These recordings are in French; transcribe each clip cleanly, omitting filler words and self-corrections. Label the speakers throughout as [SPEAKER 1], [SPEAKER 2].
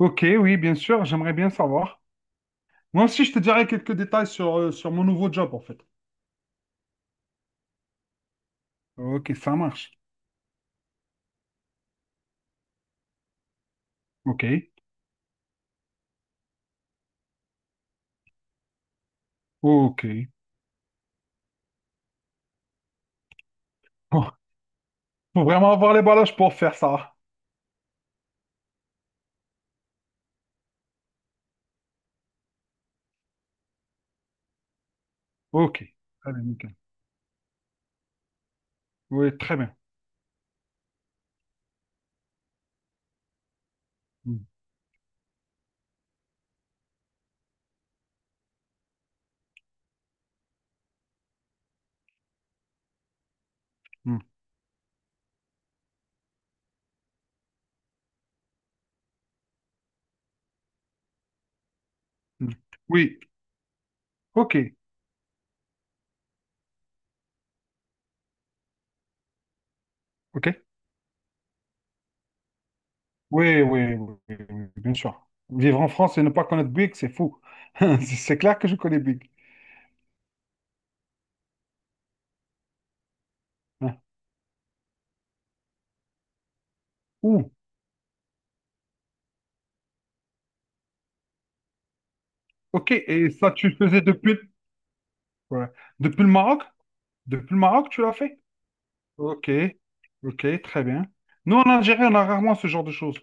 [SPEAKER 1] Ok, oui, bien sûr, j'aimerais bien savoir. Moi aussi, je te dirai quelques détails sur, sur mon nouveau job, en fait. Ok, ça marche. Ok, ok. Bon, faut vraiment avoir les ballages pour faire ça. Ok, très bien, nickel. Oui, très bien. Mm, mm, mm. Oui, ok, ok. Oui, oui, oui, oui, oui, bien sûr. Vivre en France et ne pas connaître Big, c'est fou. C'est clair que je connais Big. Hein. Ouh, ok, et ça, tu le faisais depuis, ouais. Depuis le Maroc? Depuis le Maroc, tu l'as fait? Ok, ok, très bien. Nous, en Algérie, on a rarement ce genre de choses.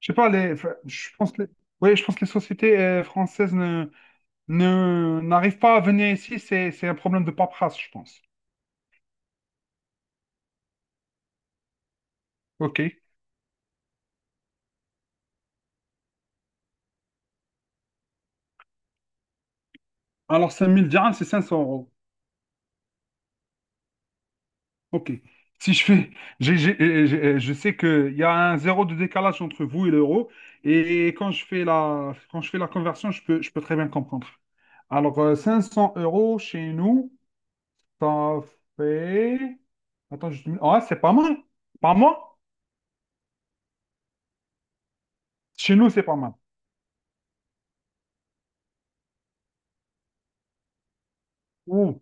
[SPEAKER 1] Je sais pas, les, enfin, je pense que les, ouais, je pense que les sociétés françaises ne, ne, n'arrivent pas à venir ici. C'est un problème de paperasse, je pense. Ok. Alors, 5 000 dirhams, c'est 500 euros. Ok. Si je fais, je sais qu'il y a un zéro de décalage entre vous et l'euro. Et quand je fais la conversion, je peux très bien comprendre. Alors, 500 euros chez nous. Ça fait. Attends, je... ouais, c'est pas mal. Pas mal. Chez nous, c'est pas mal. Ouh,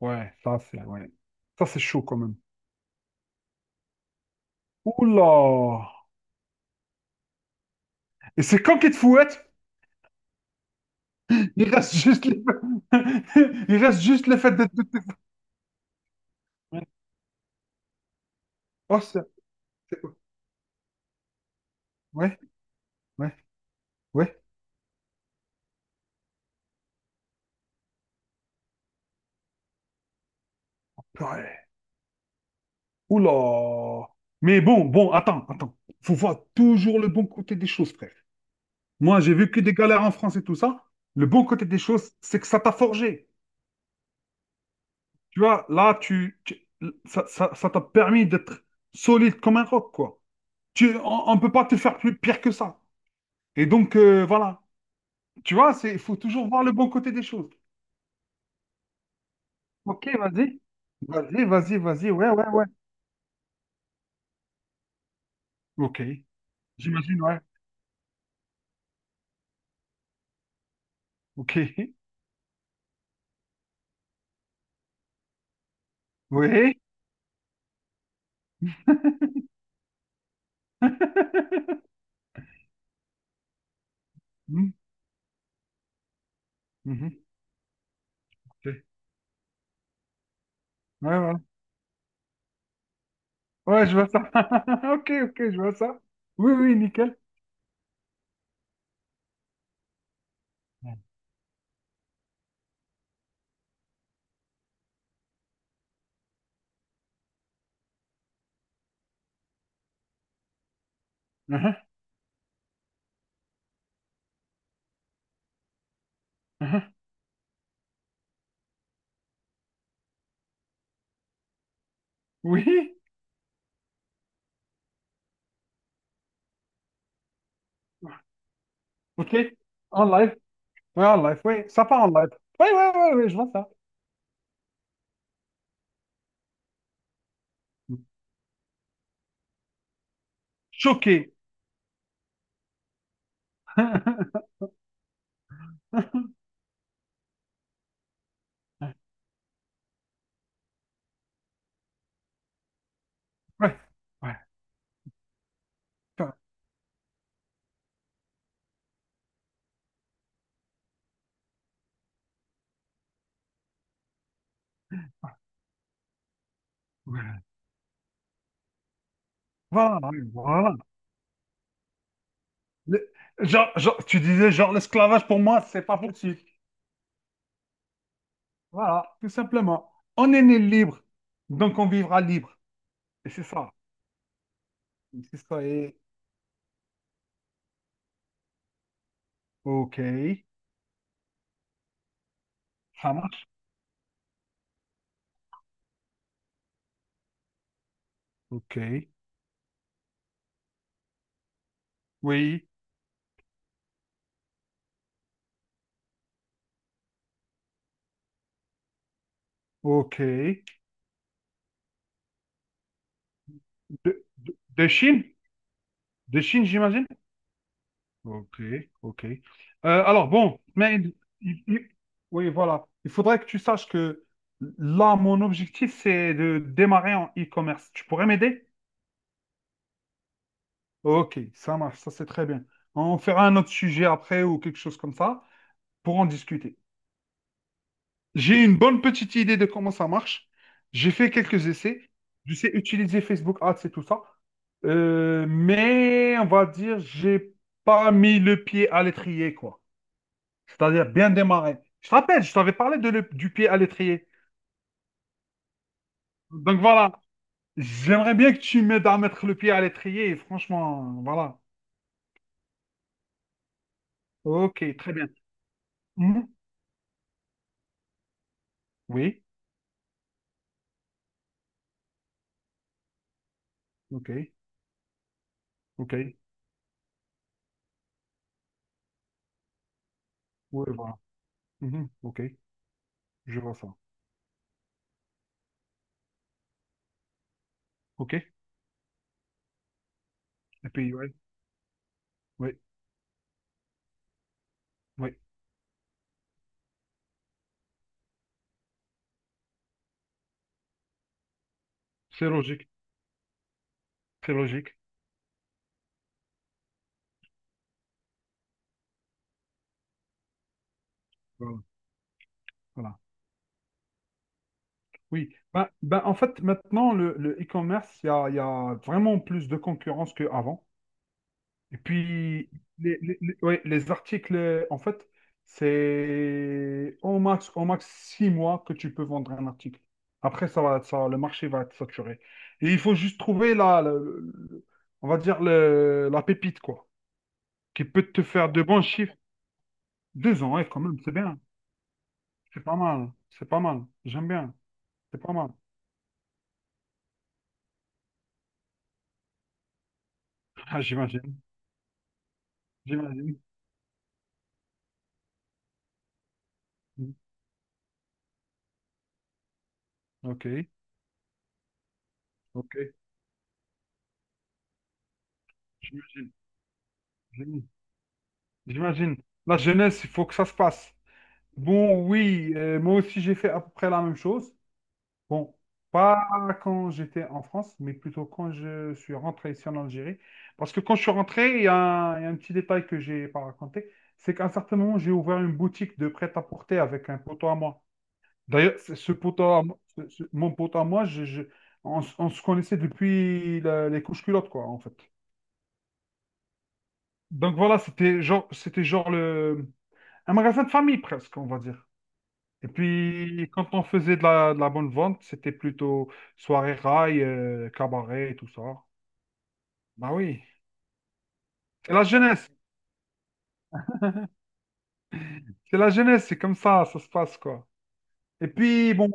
[SPEAKER 1] ouais. Ça, c'est chaud quand même. Oula! Et c'est quand qu'il te fouette? Il reste juste les... Il reste juste le fait de- Oh, c'est- Ouais, ouais, ouais. Ouais. Oula! Mais bon, bon, attends, attends. Faut voir toujours le bon côté des choses, frère. Moi, j'ai vu que des galères en France et tout ça. Le bon côté des choses, c'est que ça t'a forgé. Tu vois, là, ça, ça t'a permis d'être solide comme un roc, quoi. On ne peut pas te faire plus pire que ça. Et donc, voilà. Tu vois, il faut toujours voir le bon côté des choses. Ok, vas-y. Vas-y, vas-y, vas-y. Ouais, ouais, ouais. Ok. J'imagine, ouais. Ok. Oui. Mhm, mhm, ok. Ouais, ouais. Ouais, je vois ça. Ok, ok, je vois ça. Oui, oui, nickel. Mhm, mhm. Oui, ok. En live. Ouais, en live, oui, ça part en live. Oui, oui, oui, oui, je vois ça. Choqué. Ouais, ouais, ouais. Voilà, voilà. Le- genre, tu disais, genre, l'esclavage pour moi, c'est pas possible. Voilà, tout simplement. On est né libre, donc on vivra libre. Et c'est ça. C'est ça. Et... Ok, ça marche. Ok, oui, ok. De Chine? De Chine, j'imagine? Ok, ok. Alors bon, mais il- il- oui, voilà. Il faudrait que tu saches que là, mon objectif, c'est de démarrer en e-commerce. Tu pourrais m'aider? Ok, ça marche, ça c'est très bien. On fera un autre sujet après ou quelque chose comme ça pour en discuter. J'ai une bonne petite idée de comment ça marche. J'ai fait quelques essais. Je sais utiliser Facebook Ads et tout ça. Mais on va dire, j'ai pas mis le pied à l'étrier, quoi. C'est-à-dire bien démarrer. Je te rappelle, je t'avais parlé de du pied à l'étrier. Donc voilà, j'aimerais bien que tu m'aides à mettre le pied à l'étrier, et franchement, voilà. Ok, très bien. Mhm. Oui, ok, ok, oui, voilà. Mhm, ok, je vois ça. Ok, et puis, oui, oui, oui, c'est logique, c'est logique. Voilà, voilà. Oui, ben, en fait, maintenant, le e-commerce, il y a vraiment plus de concurrence qu'avant. Et puis, ouais, les articles, en fait, c'est au max 6 mois que tu peux vendre un article. Après, ça, le marché va être saturé. Et il faut juste trouver on va dire la pépite, quoi, qui peut te faire de bons chiffres. 2 ans, ouais, quand même, c'est bien. C'est pas mal. C'est pas mal. J'aime bien. C'est pas mal. Ah, j'imagine. J'imagine. Ok. Ok. J'imagine. J'imagine. J'imagine. La jeunesse, il faut que ça se passe. Bon, oui, moi aussi j'ai fait à peu près la même chose. Bon, pas quand j'étais en France, mais plutôt quand je suis rentré ici en Algérie. Parce que quand je suis rentré, il y a un petit détail que j'ai pas raconté, c'est qu'à un certain moment, j'ai ouvert une boutique de prêt-à-porter avec un poteau à moi. D'ailleurs, c'est ce poteau à moi, mon poteau à moi, on, on se connaissait depuis les couches culottes, quoi, en fait. Donc voilà, c'était genre un magasin de famille presque, on va dire. Et puis, quand on faisait de de la bonne vente, c'était plutôt soirée rail, cabaret et tout ça. Bah oui, c'est la jeunesse. C'est la jeunesse, c'est comme ça se passe, quoi. Et puis, bon.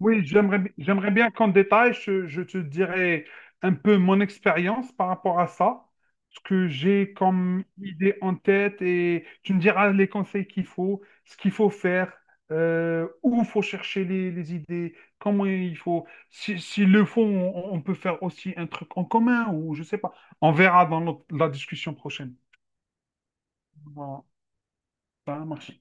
[SPEAKER 1] Oui, j'aimerais bien qu'en détail, je te dirais un peu mon expérience par rapport à ça, ce que j'ai comme idée en tête et tu me diras les conseils qu'il faut, ce qu'il faut faire, où il faut chercher les idées, comment il faut. Si, s'ils le font, on peut faire aussi un truc en commun ou je sais pas. On verra dans la discussion prochaine. Voilà, ça marche.